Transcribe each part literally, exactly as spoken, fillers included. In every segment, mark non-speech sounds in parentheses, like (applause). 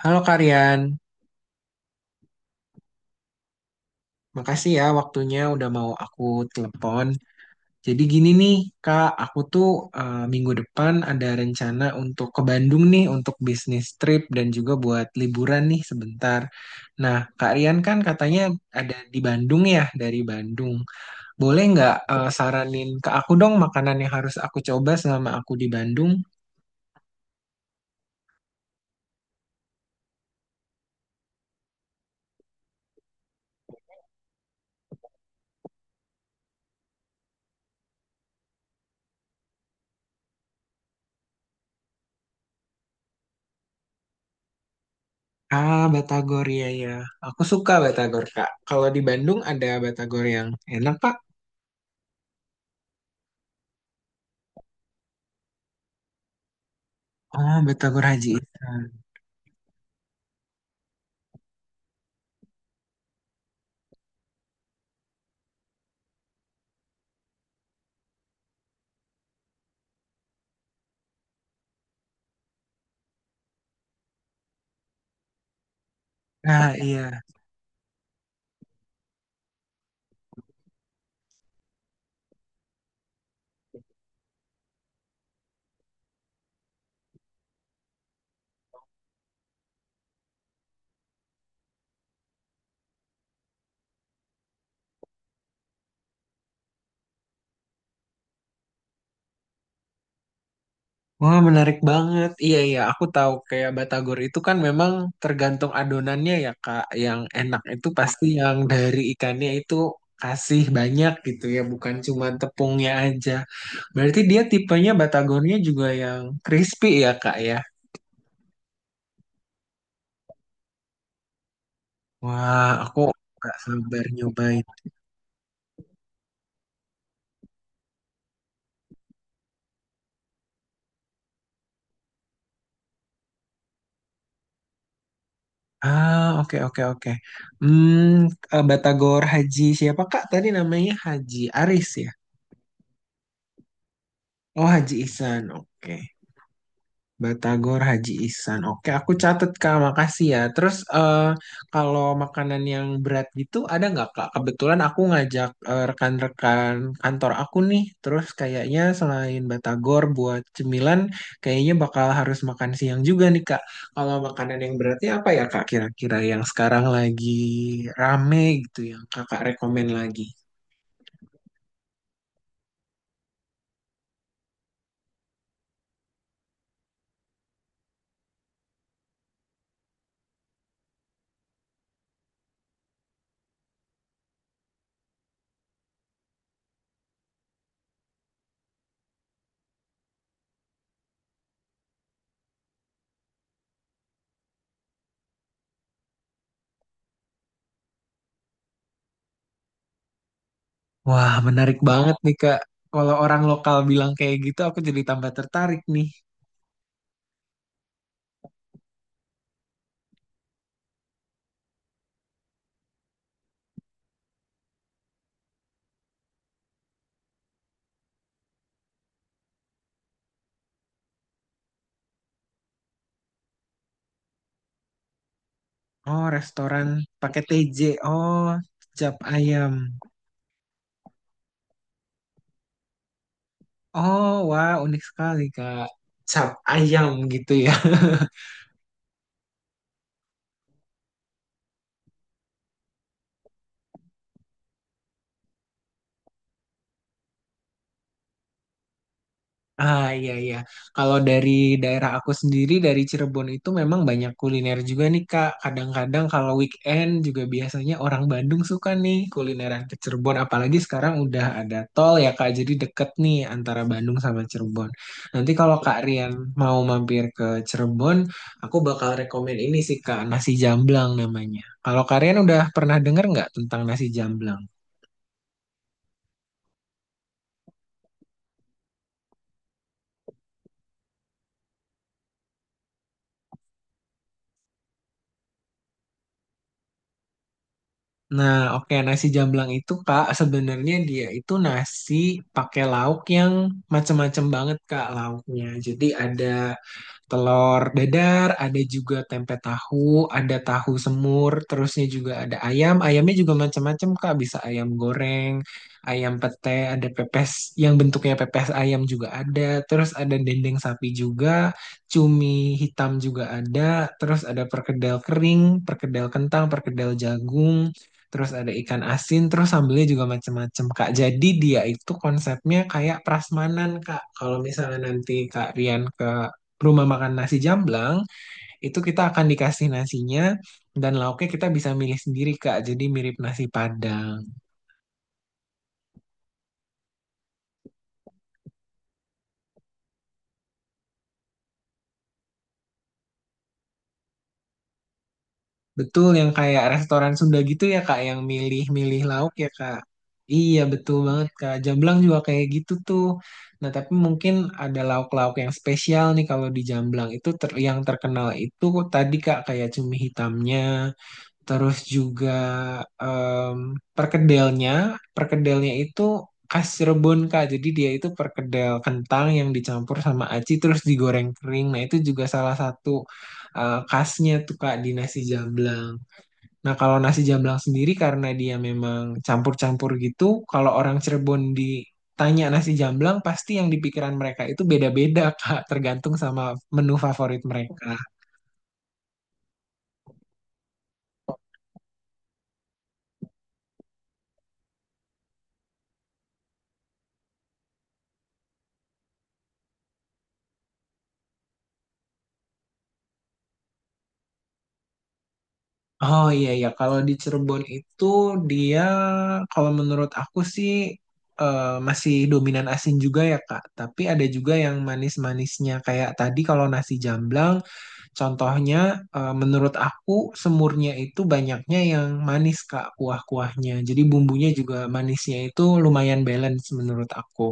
Halo Karian, makasih ya waktunya udah mau aku telepon. Jadi gini nih Kak, aku tuh eh, minggu depan ada rencana untuk ke Bandung nih untuk bisnis trip dan juga buat liburan nih sebentar. Nah Kak Rian kan katanya ada di Bandung ya dari Bandung. Boleh nggak eh, saranin ke aku dong makanan yang harus aku coba selama aku di Bandung? Ah, Batagor ya ya. Aku suka Batagor Kak. Kalau di Bandung ada Batagor yang enak Pak. Oh, Batagor Haji Ihsan. Nah, iya. Wah, menarik banget. Iya, iya. Aku tahu kayak Batagor itu kan memang tergantung adonannya ya, Kak. Yang enak itu pasti yang dari ikannya itu kasih banyak gitu ya, bukan cuma tepungnya aja. Berarti dia tipenya Batagornya juga yang crispy ya, Kak ya. Wah, aku nggak sabar nyobain. Ah, oke, oke, oke. Hmm, eh, Batagor Haji siapa, Kak? Tadi namanya Haji Aris ya? Oh, Haji Ihsan. Oke. Batagor Haji Ihsan. Oke, aku catat Kak. Makasih ya. Terus eh, kalau makanan yang berat gitu ada nggak Kak? Kebetulan aku ngajak eh, rekan-rekan kantor aku nih. Terus kayaknya selain Batagor buat cemilan, kayaknya bakal harus makan siang juga nih Kak. Kalau makanan yang beratnya apa ya Kak? Kira-kira yang sekarang lagi rame gitu yang Kakak rekomen lagi. Wah, menarik banget nih, Kak. Kalau orang lokal bilang kayak gitu, aku jadi tambah tertarik nih. Oh, restoran pakai te je. Oh, cap ayam. Oh, wah, unik sekali, Kak. Cap ayam gitu ya. (laughs) Ah iya iya. Kalau dari daerah aku sendiri dari Cirebon itu memang banyak kuliner juga nih Kak. Kadang-kadang kalau weekend juga biasanya orang Bandung suka nih kulineran ke Cirebon. Apalagi sekarang udah ada tol ya Kak. Jadi deket nih antara Bandung sama Cirebon. Nanti kalau Kak Rian mau mampir ke Cirebon, aku bakal rekomen ini sih Kak, nasi jamblang namanya. Kalau Kak Rian udah pernah denger nggak tentang nasi jamblang? Nah, oke nasi jamblang itu Kak sebenarnya dia itu nasi pakai lauk yang macem-macem banget Kak lauknya. Jadi ada telur dadar, ada juga tempe tahu, ada tahu semur, terusnya juga ada ayam. Ayamnya juga macam-macam, Kak. Bisa ayam goreng, ayam pete, ada pepes yang bentuknya pepes ayam juga ada. Terus ada dendeng sapi juga, cumi hitam juga ada. Terus ada perkedel kering, perkedel kentang, perkedel jagung. Terus ada ikan asin, terus sambelnya juga macam-macam, Kak. Jadi dia itu konsepnya kayak prasmanan, Kak. Kalau misalnya nanti Kak Rian ke rumah makan nasi jamblang, itu kita akan dikasih nasinya dan lauknya kita bisa milih sendiri, Kak. Jadi mirip nasi Padang. Betul yang kayak restoran Sunda gitu ya, Kak, yang milih-milih lauk ya, Kak. Iya, betul banget, Kak. Jamblang juga kayak gitu tuh. Nah, tapi mungkin ada lauk-lauk yang spesial nih kalau di Jamblang itu ter- yang terkenal itu tadi, Kak, kayak cumi hitamnya. Terus juga em, perkedelnya, perkedelnya itu khas Cirebon Kak. Jadi dia itu perkedel kentang yang dicampur sama aci terus digoreng kering. Nah itu juga salah satu eh, khasnya tuh Kak di nasi jamblang. Nah kalau nasi jamblang sendiri karena dia memang campur-campur gitu, kalau orang Cirebon ditanya nasi jamblang pasti yang di pikiran mereka itu beda-beda Kak, tergantung sama menu favorit mereka. Oh iya iya kalau di Cirebon itu dia kalau menurut aku sih eh, masih dominan asin juga ya Kak, tapi ada juga yang manis-manisnya kayak tadi kalau nasi jamblang contohnya eh, menurut aku semurnya itu banyaknya yang manis Kak kuah-kuahnya. Jadi bumbunya juga manisnya itu lumayan balance menurut aku.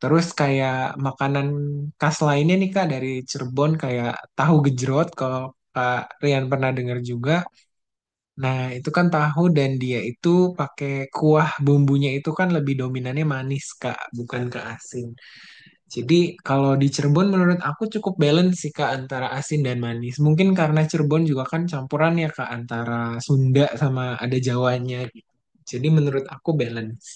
Terus kayak makanan khas lainnya nih Kak dari Cirebon kayak tahu gejrot kalau Kak Rian pernah dengar juga. Nah, itu kan tahu dan dia itu pakai kuah bumbunya itu kan lebih dominannya manis, Kak, bukan ke asin. Jadi, kalau di Cirebon menurut aku cukup balance sih, Kak, antara asin dan manis. Mungkin karena Cirebon juga kan campuran ya, Kak, antara Sunda sama ada Jawanya. Jadi, menurut aku balance.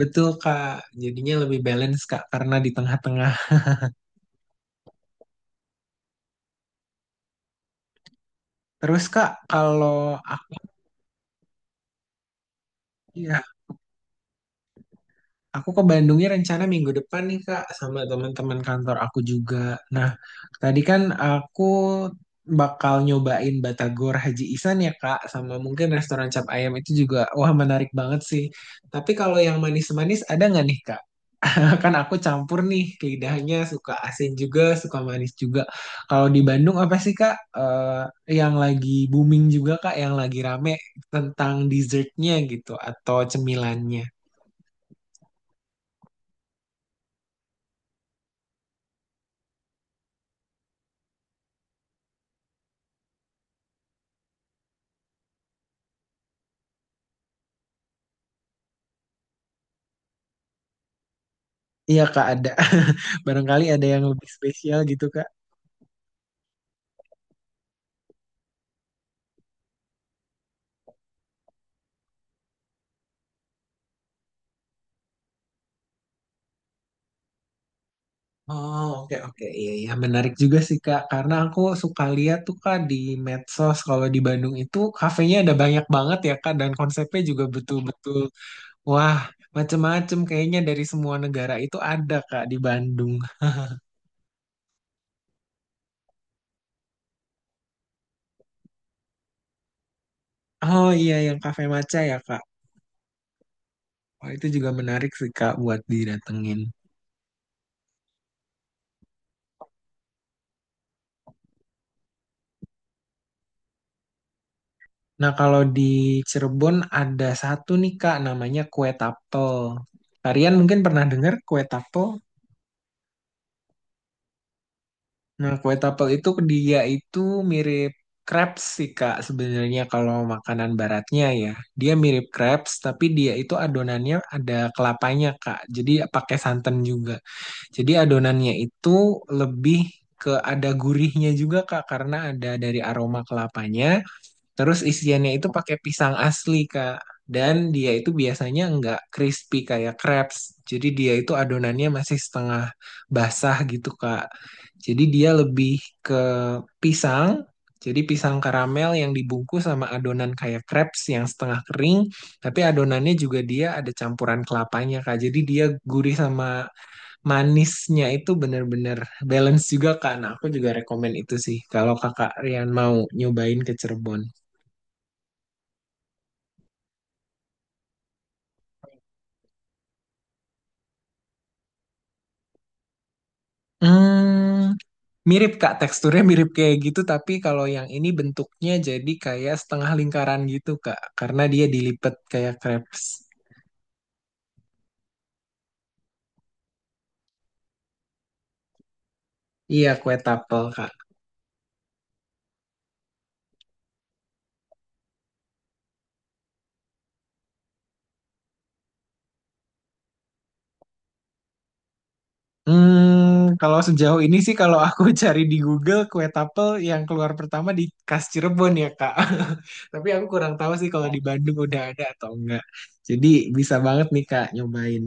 Betul, Kak. Jadinya lebih balance, Kak, karena di tengah-tengah. Terus, Kak, kalau aku ya Aku ke Bandungnya rencana minggu depan nih Kak sama teman-teman kantor aku juga. Nah, tadi kan aku bakal nyobain Batagor Haji Ihsan ya Kak sama mungkin restoran cap ayam itu juga wah menarik banget sih. Tapi kalau yang manis-manis ada nggak nih Kak? (laughs) Nah, kan aku campur nih ke lidahnya suka asin juga, suka manis juga. Kalau di Bandung apa sih Kak eh, yang lagi booming juga Kak, yang lagi rame tentang dessertnya gitu atau cemilannya? Iya Kak ada. (laughs) Barangkali ada yang lebih spesial gitu Kak. Oh oke oke iya iya menarik juga sih Kak karena aku suka lihat tuh Kak di medsos kalau di Bandung itu kafenya ada banyak banget ya Kak dan konsepnya juga betul-betul wah macem-macem kayaknya dari semua negara itu ada Kak di Bandung. Oh iya yang kafe maca ya Kak. Oh itu juga menarik sih Kak buat didatengin. Nah, kalau di Cirebon ada satu nih Kak, namanya kue tapel. Kalian mungkin pernah dengar kue tapel? Nah, kue tapel itu dia itu mirip crepes sih Kak sebenarnya kalau makanan baratnya ya. Dia mirip crepes, tapi dia itu adonannya ada kelapanya Kak. Jadi pakai santan juga. Jadi adonannya itu lebih ke ada gurihnya juga Kak, karena ada dari aroma kelapanya. Terus isiannya itu pakai pisang asli, Kak. Dan dia itu biasanya nggak crispy kayak crepes. Jadi dia itu adonannya masih setengah basah gitu, Kak. Jadi dia lebih ke pisang. Jadi pisang karamel yang dibungkus sama adonan kayak crepes yang setengah kering. Tapi adonannya juga dia ada campuran kelapanya, Kak. Jadi dia gurih sama manisnya itu bener-bener balance juga, Kak. Nah, aku juga rekomen itu sih. Kalau Kakak Rian mau nyobain ke Cirebon. Hmm, mirip Kak, teksturnya mirip kayak gitu, tapi kalau yang ini bentuknya jadi kayak setengah lingkaran gitu Kak, karena dia dilipet kayak crepes. Iya, kue tapel Kak. Hmm, kalau sejauh ini sih kalau aku (laughs) cari di Google kue tapel yang keluar pertama di Khas Cirebon ya Kak. (laughs) Tapi aku kurang tahu sih kalau di Bandung udah ada atau enggak. Jadi bisa banget nih Kak nyobain.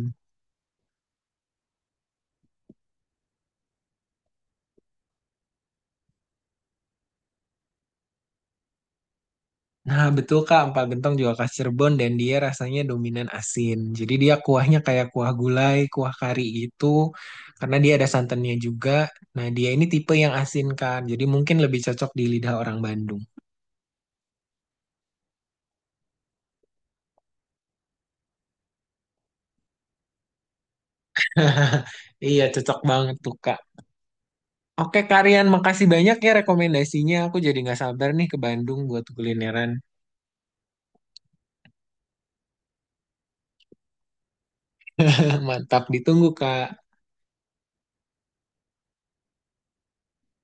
Nah, betul Kak, empal gentong juga khas Cirebon dan dia rasanya dominan asin. Jadi dia kuahnya kayak kuah gulai, kuah kari gitu, karena dia ada santannya juga. Nah, dia ini tipe yang asin kan, jadi mungkin lebih cocok di lidah orang Bandung. (laughs) Iya, cocok banget tuh Kak. Oke, Kak Rian, makasih banyak ya rekomendasinya. Aku jadi nggak sabar nih ke Bandung buat kulineran. (laughs) Mantap, ditunggu Kak.